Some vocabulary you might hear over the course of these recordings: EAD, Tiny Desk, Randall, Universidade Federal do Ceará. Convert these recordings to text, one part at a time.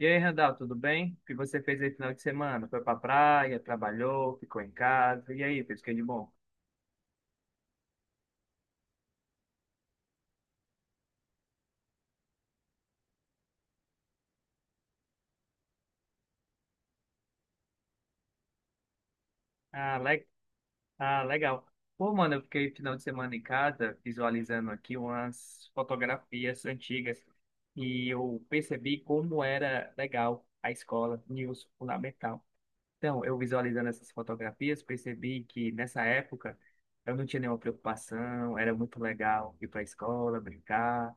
E aí, Randall, tudo bem? O que você fez aí no final de semana? Foi pra praia, trabalhou, ficou em casa. E aí, fez o que de bom? Ah, le... ah, legal. Pô, mano, eu fiquei final de semana em casa visualizando aqui umas fotografias antigas e eu percebi como era legal a escola, e o fundamental. Então, eu visualizando essas fotografias, percebi que nessa época eu não tinha nenhuma preocupação, era muito legal ir para a escola, brincar.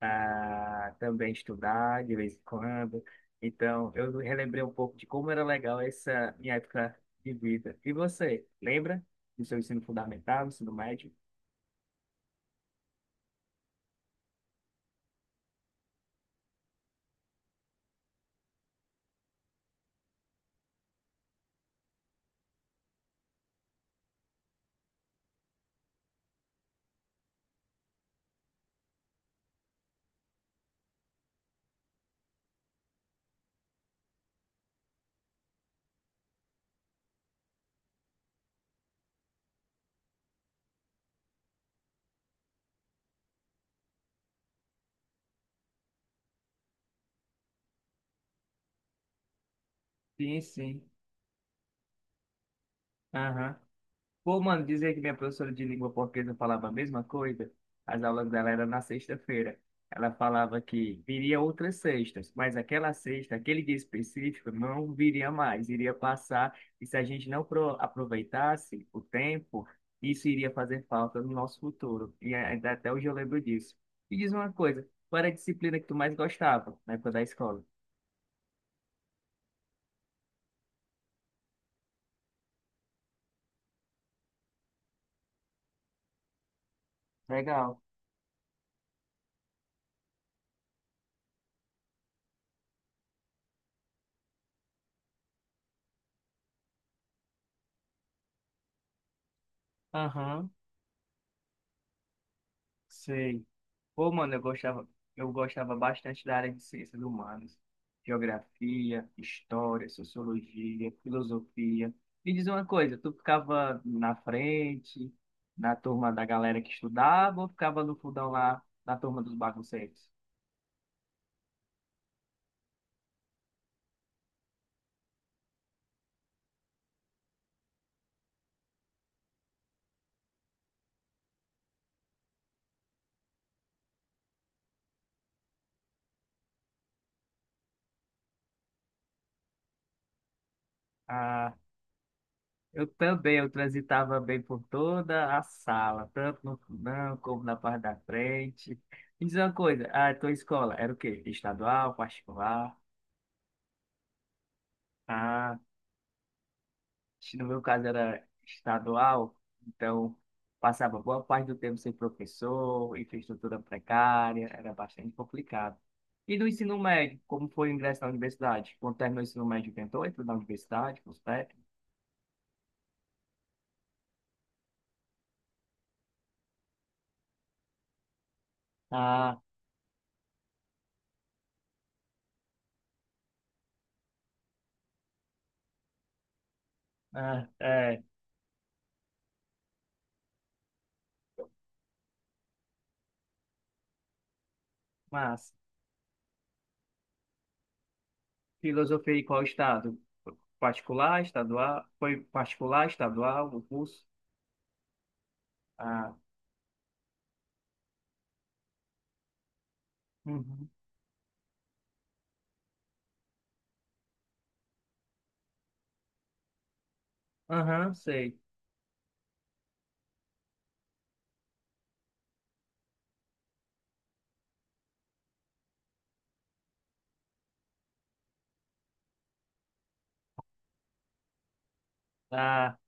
A também estudar de vez em quando. Então, eu relembrei um pouco de como era legal essa minha época de vida. E você, lembra do seu ensino fundamental, ensino médio? Sim, sim. Aham. Pô, mano, dizer que minha professora de língua portuguesa falava a mesma coisa, as aulas dela eram na sexta-feira. Ela falava que viria outras sextas, mas aquela sexta, aquele dia específico, não viria mais, iria passar, e se a gente não aproveitasse o tempo, isso iria fazer falta no nosso futuro. E ainda até hoje eu lembro disso. E diz uma coisa, qual era a disciplina que tu mais gostava na época da escola? Legal. Aham, sei. Pô, mano, eu gostava bastante da área de ciências humanas, geografia, história, sociologia, filosofia. Me diz uma coisa, tu ficava na frente, na turma da galera que estudava, ou ficava no fundão lá, na turma dos bagunceiros? Ah, eu também, eu transitava bem por toda a sala, tanto no fundão como na parte da frente. Me diz uma coisa, a tua escola era o quê? Estadual, particular? Ah. No meu caso era estadual, então passava boa parte do tempo sem professor, infraestrutura precária, era bastante complicado. E do ensino médio, como foi o ingresso na universidade? Quando terminou o ensino médio, tentou entrar na universidade, com os técnicos? Ah, ah, é, mas filosofia em qual estado? Particular, estadual? Foi particular, estadual, o curso? Ah, uhum, aham, sei. Ah,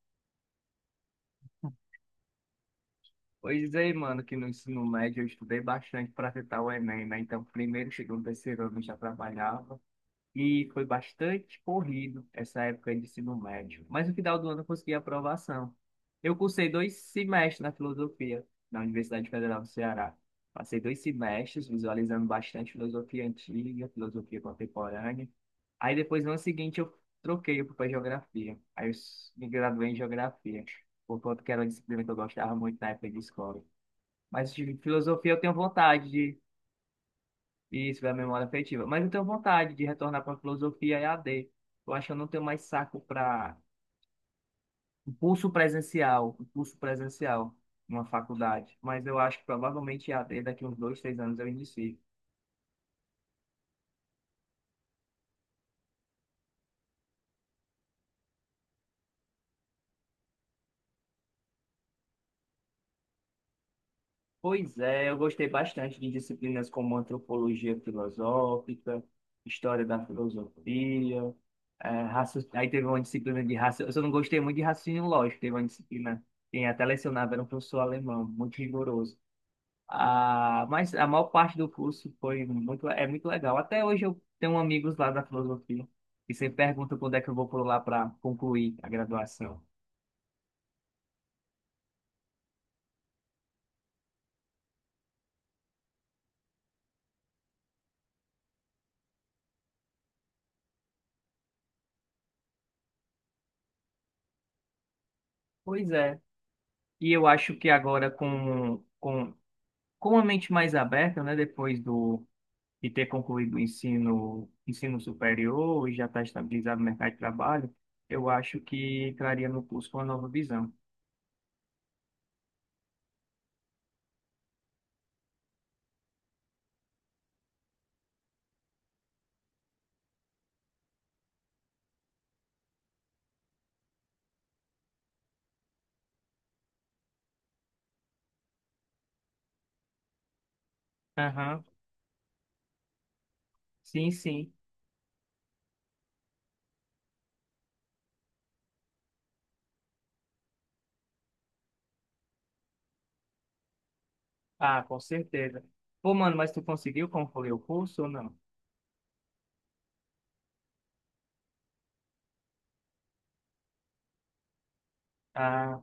pois é, mano, que no ensino médio eu estudei bastante para tentar o Enem, né? Então, primeiro, segundo, terceiro ano eu já trabalhava. E foi bastante corrido essa época de ensino médio. Mas no final do ano eu consegui a aprovação. Eu cursei dois semestres na filosofia, na Universidade Federal do Ceará. Passei dois semestres visualizando bastante filosofia antiga, filosofia contemporânea. Aí depois, no ano seguinte, eu troquei para geografia. Aí eu me graduei em geografia, por conta que era uma disciplina que eu gostava muito na época de escola. Mas de filosofia eu tenho vontade. Isso, da memória afetiva. Mas eu tenho vontade de retornar para a filosofia EAD. Eu acho que eu não tenho mais saco para um curso presencial numa faculdade. Mas eu acho que provavelmente EAD daqui uns dois, três anos eu inicio. Pois é, eu gostei bastante de disciplinas como antropologia filosófica, história da filosofia, aí teve uma disciplina de raciocínio. Eu só não gostei muito de raciocínio lógico, teve uma disciplina. Quem até lecionava era um professor alemão, muito rigoroso. Ah, mas a maior parte do curso é muito legal. Até hoje eu tenho amigos lá da filosofia que sempre perguntam quando é que eu vou por lá para concluir a graduação. Pois é. E eu acho que agora com a mente mais aberta, né, depois de ter concluído o ensino superior e já estar estabilizado no mercado de trabalho, eu acho que traria no curso uma nova visão. Aham, sim, sim. Ah, com certeza. Pô, mano, mas tu conseguiu concluir o curso ou não? Ah,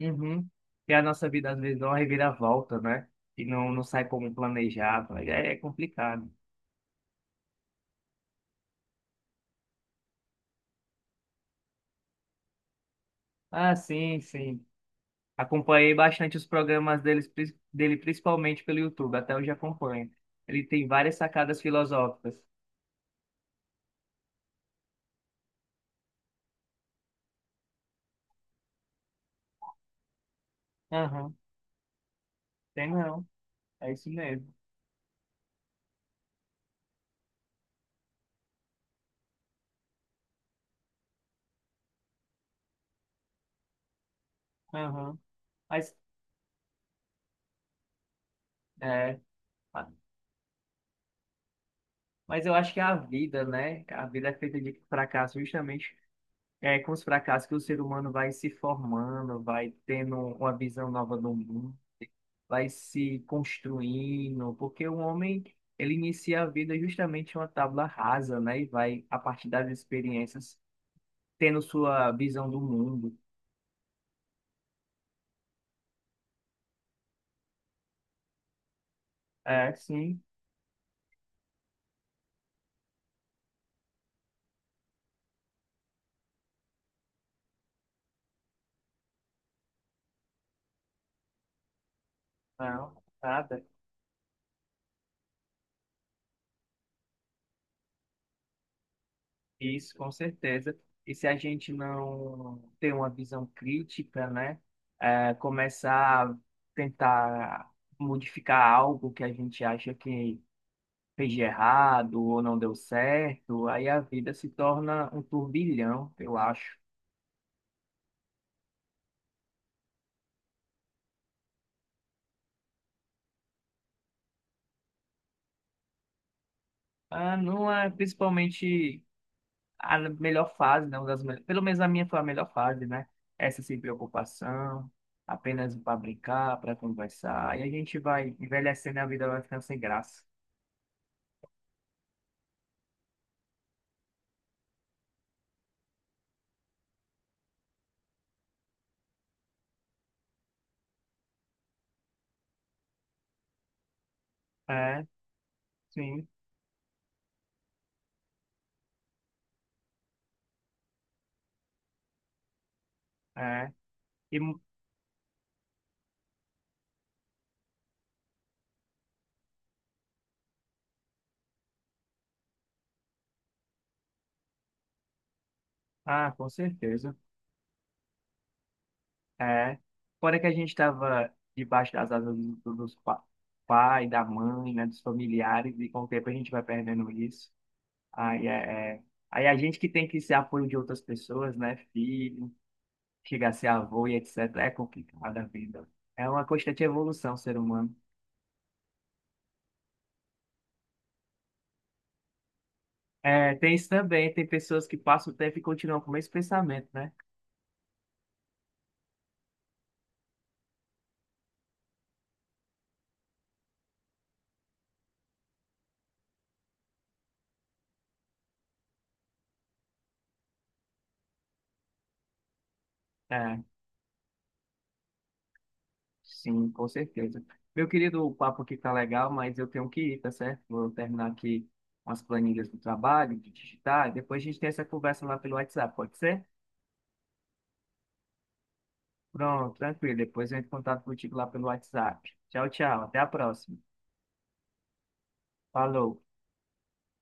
uhum. E a nossa vida às vezes dá uma reviravolta, né? E não, não sai como planejado. Aí é complicado. Ah, sim, sim. Acompanhei bastante os programas deles, dele, principalmente pelo YouTube, até hoje acompanho. Ele tem várias sacadas filosóficas. Aham, tem não. É isso mesmo. Aham. Mas, é, ah, mas eu acho que a vida, né? A vida é feita de fracasso, justamente. É com os fracassos que o ser humano vai se formando, vai tendo uma visão nova do mundo. Vai se construindo, porque o homem, ele inicia a vida justamente uma tábua rasa, né? E vai, a partir das experiências, tendo sua visão do mundo. É, sim, não, nada. Isso, com certeza. E se a gente não ter uma visão crítica, né? É, começar a tentar modificar algo que a gente acha que fez de errado ou não deu certo, aí a vida se torna um turbilhão, eu acho. Ah, não é principalmente a melhor fase, né? Pelo menos a minha foi a melhor fase, né? Essa sem preocupação, apenas para brincar, para conversar. E a gente vai envelhecendo e a vida vai ficando sem graça. É, sim, é. E, mu- com certeza. É. Fora que a gente estava debaixo das asas dos pa pai, da mãe, né? Dos familiares, e com o tempo a gente vai perdendo isso. Aí é. Aí a gente que tem que ser apoio de outras pessoas, né? Filho. Chegar a ser avô e etc. É complicado a vida. É uma constante evolução, ser humano. É, tem isso também, tem pessoas que passam o tempo e continuam com o mesmo pensamento, né? É, sim, com certeza. Meu querido, o papo aqui tá legal, mas eu tenho que ir, tá certo? Vou terminar aqui umas planilhas do trabalho, de digitar, e depois a gente tem essa conversa lá pelo WhatsApp, pode ser? Pronto, tranquilo. Depois eu entro em contato contigo lá pelo WhatsApp. Tchau, tchau. Até a próxima. Falou.